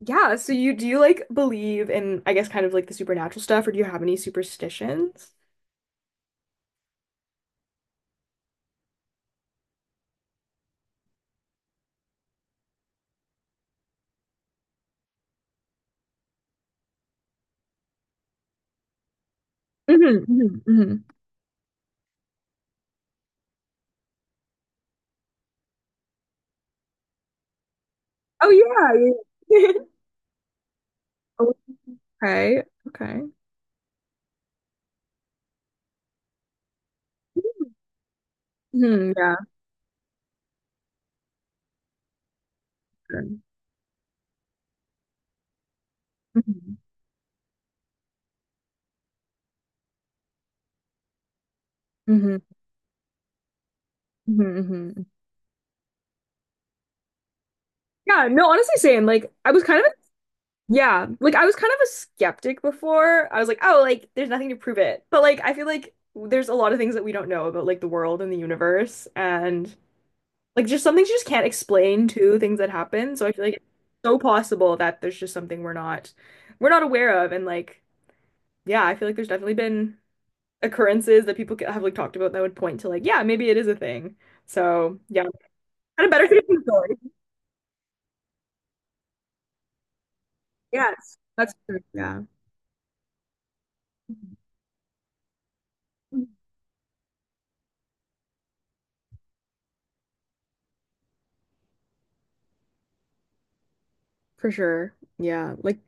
Yeah, so you do you like believe in, I guess, kind of like the supernatural stuff, or do you have any superstitions? Mhm, mhm, mhm. Oh yeah. Yeah, yeah. Okay. Okay. Mhm, yeah. Sure. Mhm, mhm, mhm, mhm. Yeah, no, honestly same. Like I was kind of yeah, like I was kind of a skeptic before. I was like, oh, like there's nothing to prove it. But like I feel like there's a lot of things that we don't know about, like the world and the universe and like just some things you just can't explain to things that happen. So I feel like it's so possible that there's just something we're not aware of. And like, yeah, I feel like there's definitely been occurrences that people have like talked about that would point to like, yeah, maybe it is a thing. So yeah, kind of better safe than sorry. Yes, that's true. Yeah. For sure. Yeah. Like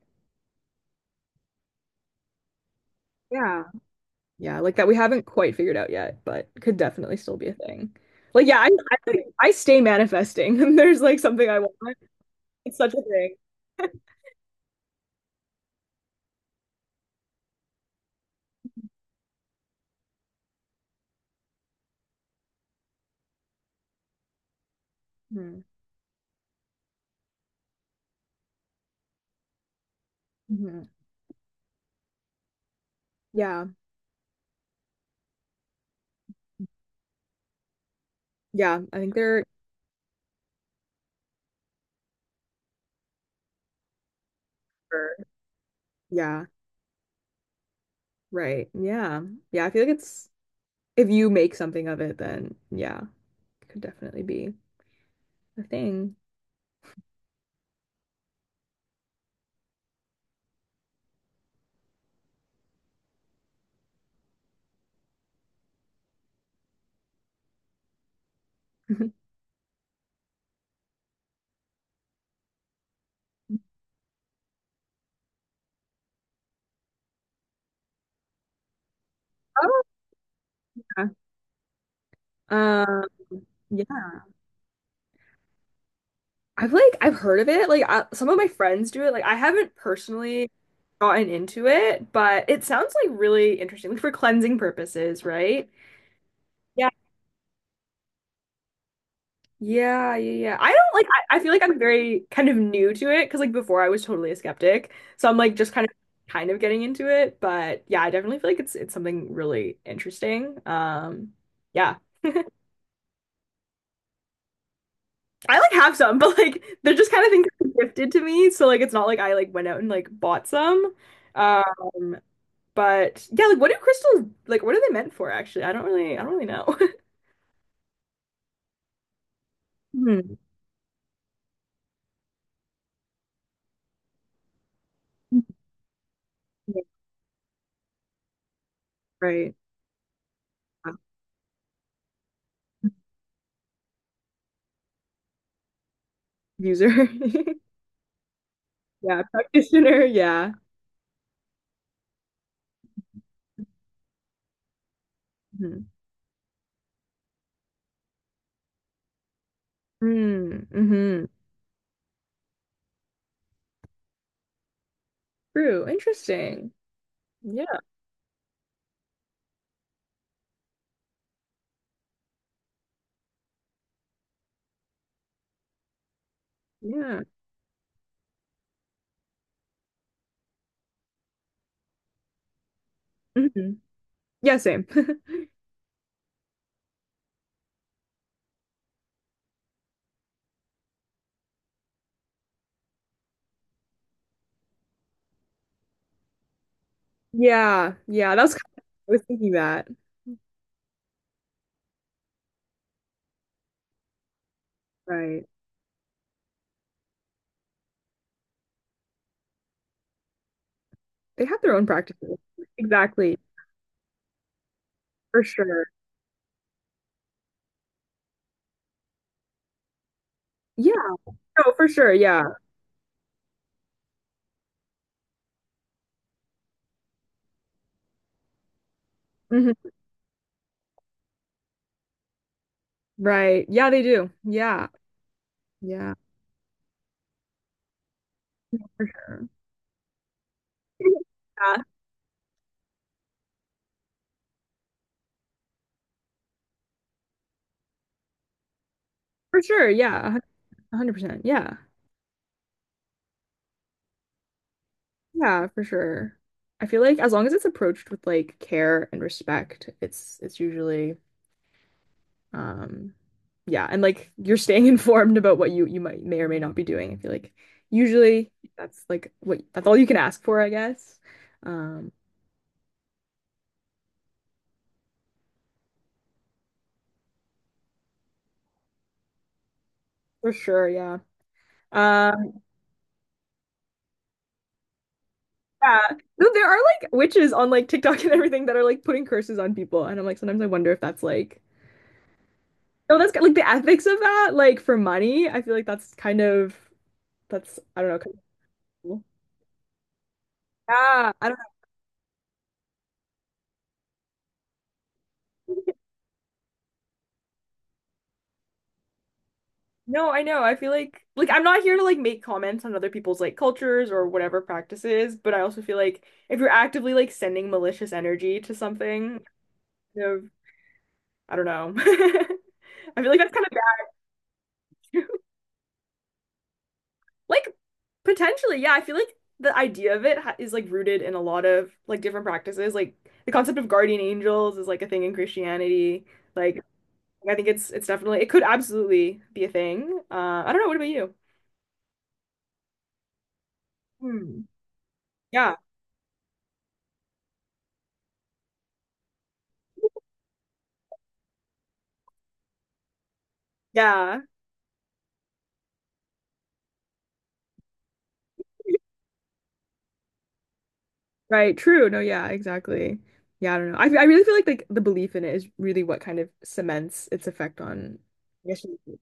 yeah. Yeah, like that we haven't quite figured out yet, but could definitely still be a thing. Like yeah, I, I stay manifesting and there's like something I want. It's such a thing. Hmm. Hmm. Yeah. Yeah. I think they're, or- yeah. Right. Yeah. Yeah. I feel like it's, if you make something of it, then yeah, it could definitely be a thing. Oh, yeah. Um, yeah. I've like, I've heard of it. Like, I, some of my friends do it. Like, I haven't personally gotten into it, but it sounds like really interesting, like for cleansing purposes, right? Yeah. Yeah, yeah, yeah. I don't like I feel like I'm very kind of new to it because like before I was totally a skeptic. So I'm like just kind of getting into it. But yeah, I definitely feel like it's something really interesting. Yeah. I like have some, but like they're just kind of things that are gifted to me. So like it's not like I like went out and like bought some. Um but yeah, like what do crystals like what are they meant for actually? I don't really know. Hmm. Yeah. Right. Yeah. User. Yeah, practitioner, yeah. Mm, mm-hmm. True. Interesting. Yeah. Yeah. Hmm. Yeah, same. Yeah. Yeah. That's kind of, I was thinking that. Right. They have their own practices. Exactly. For sure. Yeah. No, for sure. Yeah. Hmm. Right. Yeah, they do. Yeah. Yeah. For sure. Yeah. For sure. Yeah. 100%. Yeah. Yeah, for sure. I feel like as long as it's approached with like care and respect, it's usually Um, yeah, and like you're staying informed about what you might may or may not be doing. I feel like usually that's like what that's all you can ask for, I guess. Um, for sure, yeah. Uh, yeah. No, there are like witches on like TikTok and everything that are like putting curses on people, and I'm like sometimes I wonder if that's like no, that's like the ethics of that, like for money. I feel like that's kind of that's I don't know. Kind of cool. Yeah, I don't. No, I know. I feel like I'm not here to like make comments on other people's like cultures or whatever practices, but I also feel like if you're actively like sending malicious energy to something, kind of, I don't know. I feel like that's kind of bad. Like potentially, yeah, I feel like the idea of it ha is like rooted in a lot of like different practices. Like the concept of guardian angels is like a thing in Christianity. Like I think it's definitely it could absolutely be a thing. I don't know. What about you? Hmm. Yeah. Yeah. Right, true. No, yeah, exactly. Yeah, I don't know. I really feel like the belief in it is really what kind of cements its effect on, I guess, you-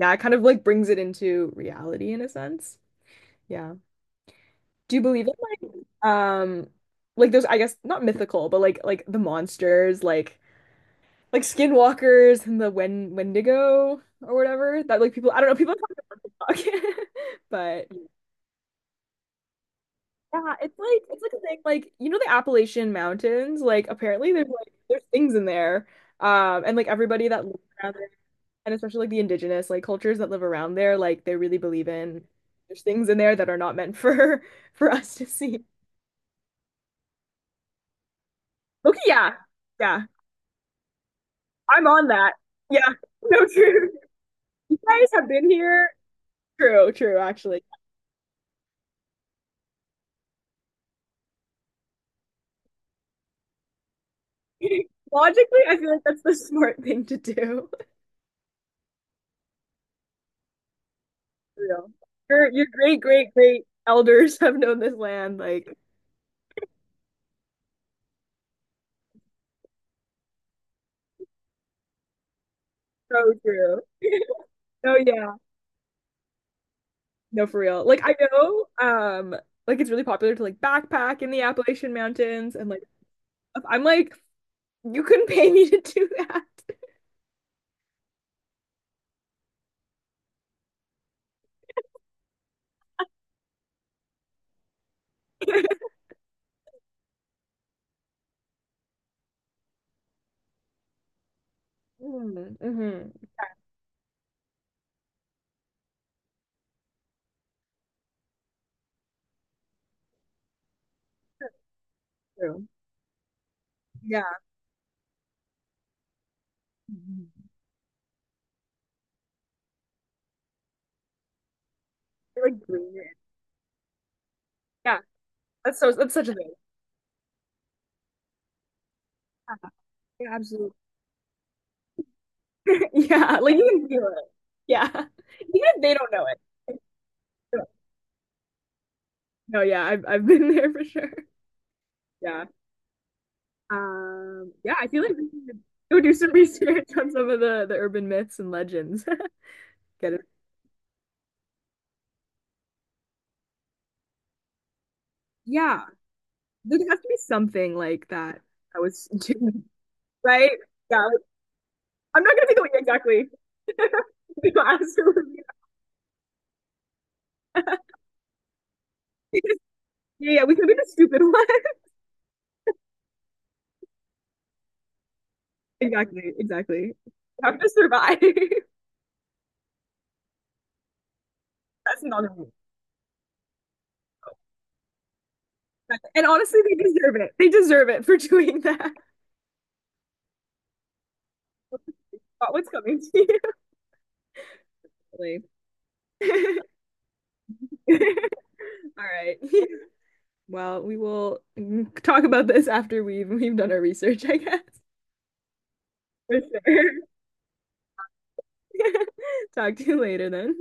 yeah, it kind of like brings it into reality in a sense. Yeah. Do you believe in like um like those I guess not mythical, but like the monsters, like skinwalkers and the Wendigo or whatever that like people I don't know people talk about, but yeah, it's like a thing like you know the Appalachian Mountains like apparently there's like there's things in there and like everybody that lives around there and especially like the indigenous like cultures that live around there like they really believe in there's things in there that are not meant for for us to see. Okay, yeah. Yeah. I'm on that. Yeah. So true. You guys have been here. True, true actually. Logically, I feel like that's the smart thing to do. Real. Your great great great elders have known this land like so true. Oh yeah. No, for real. Like I know, like it's really popular to like backpack in the Appalachian Mountains and like stuff. I'm like, you couldn't pay me to do that. Mm, mhm. True. Yeah. Mhm. They're, like green. Yeah. That's so that's such a thing. Yeah, absolutely. Yeah, like you can feel it. Yeah. Even if they don't know it. No, yeah, I've been there for sure. Yeah. Yeah, I feel like we should go do some research on some of the urban myths and legends. Get it? Yeah, there has to be something like that I was doing, right. Yeah, like, I'm not gonna be the one exactly. We go ask her- yeah, yeah, we could be the stupid one. Exactly, exactly. We have to survive. That's another one. And honestly, they deserve it. They deserve it for doing that. Not what's coming to you. All right. Well, we will mm, talk about this after we've done our research, I guess. For sure. Talk to you later then.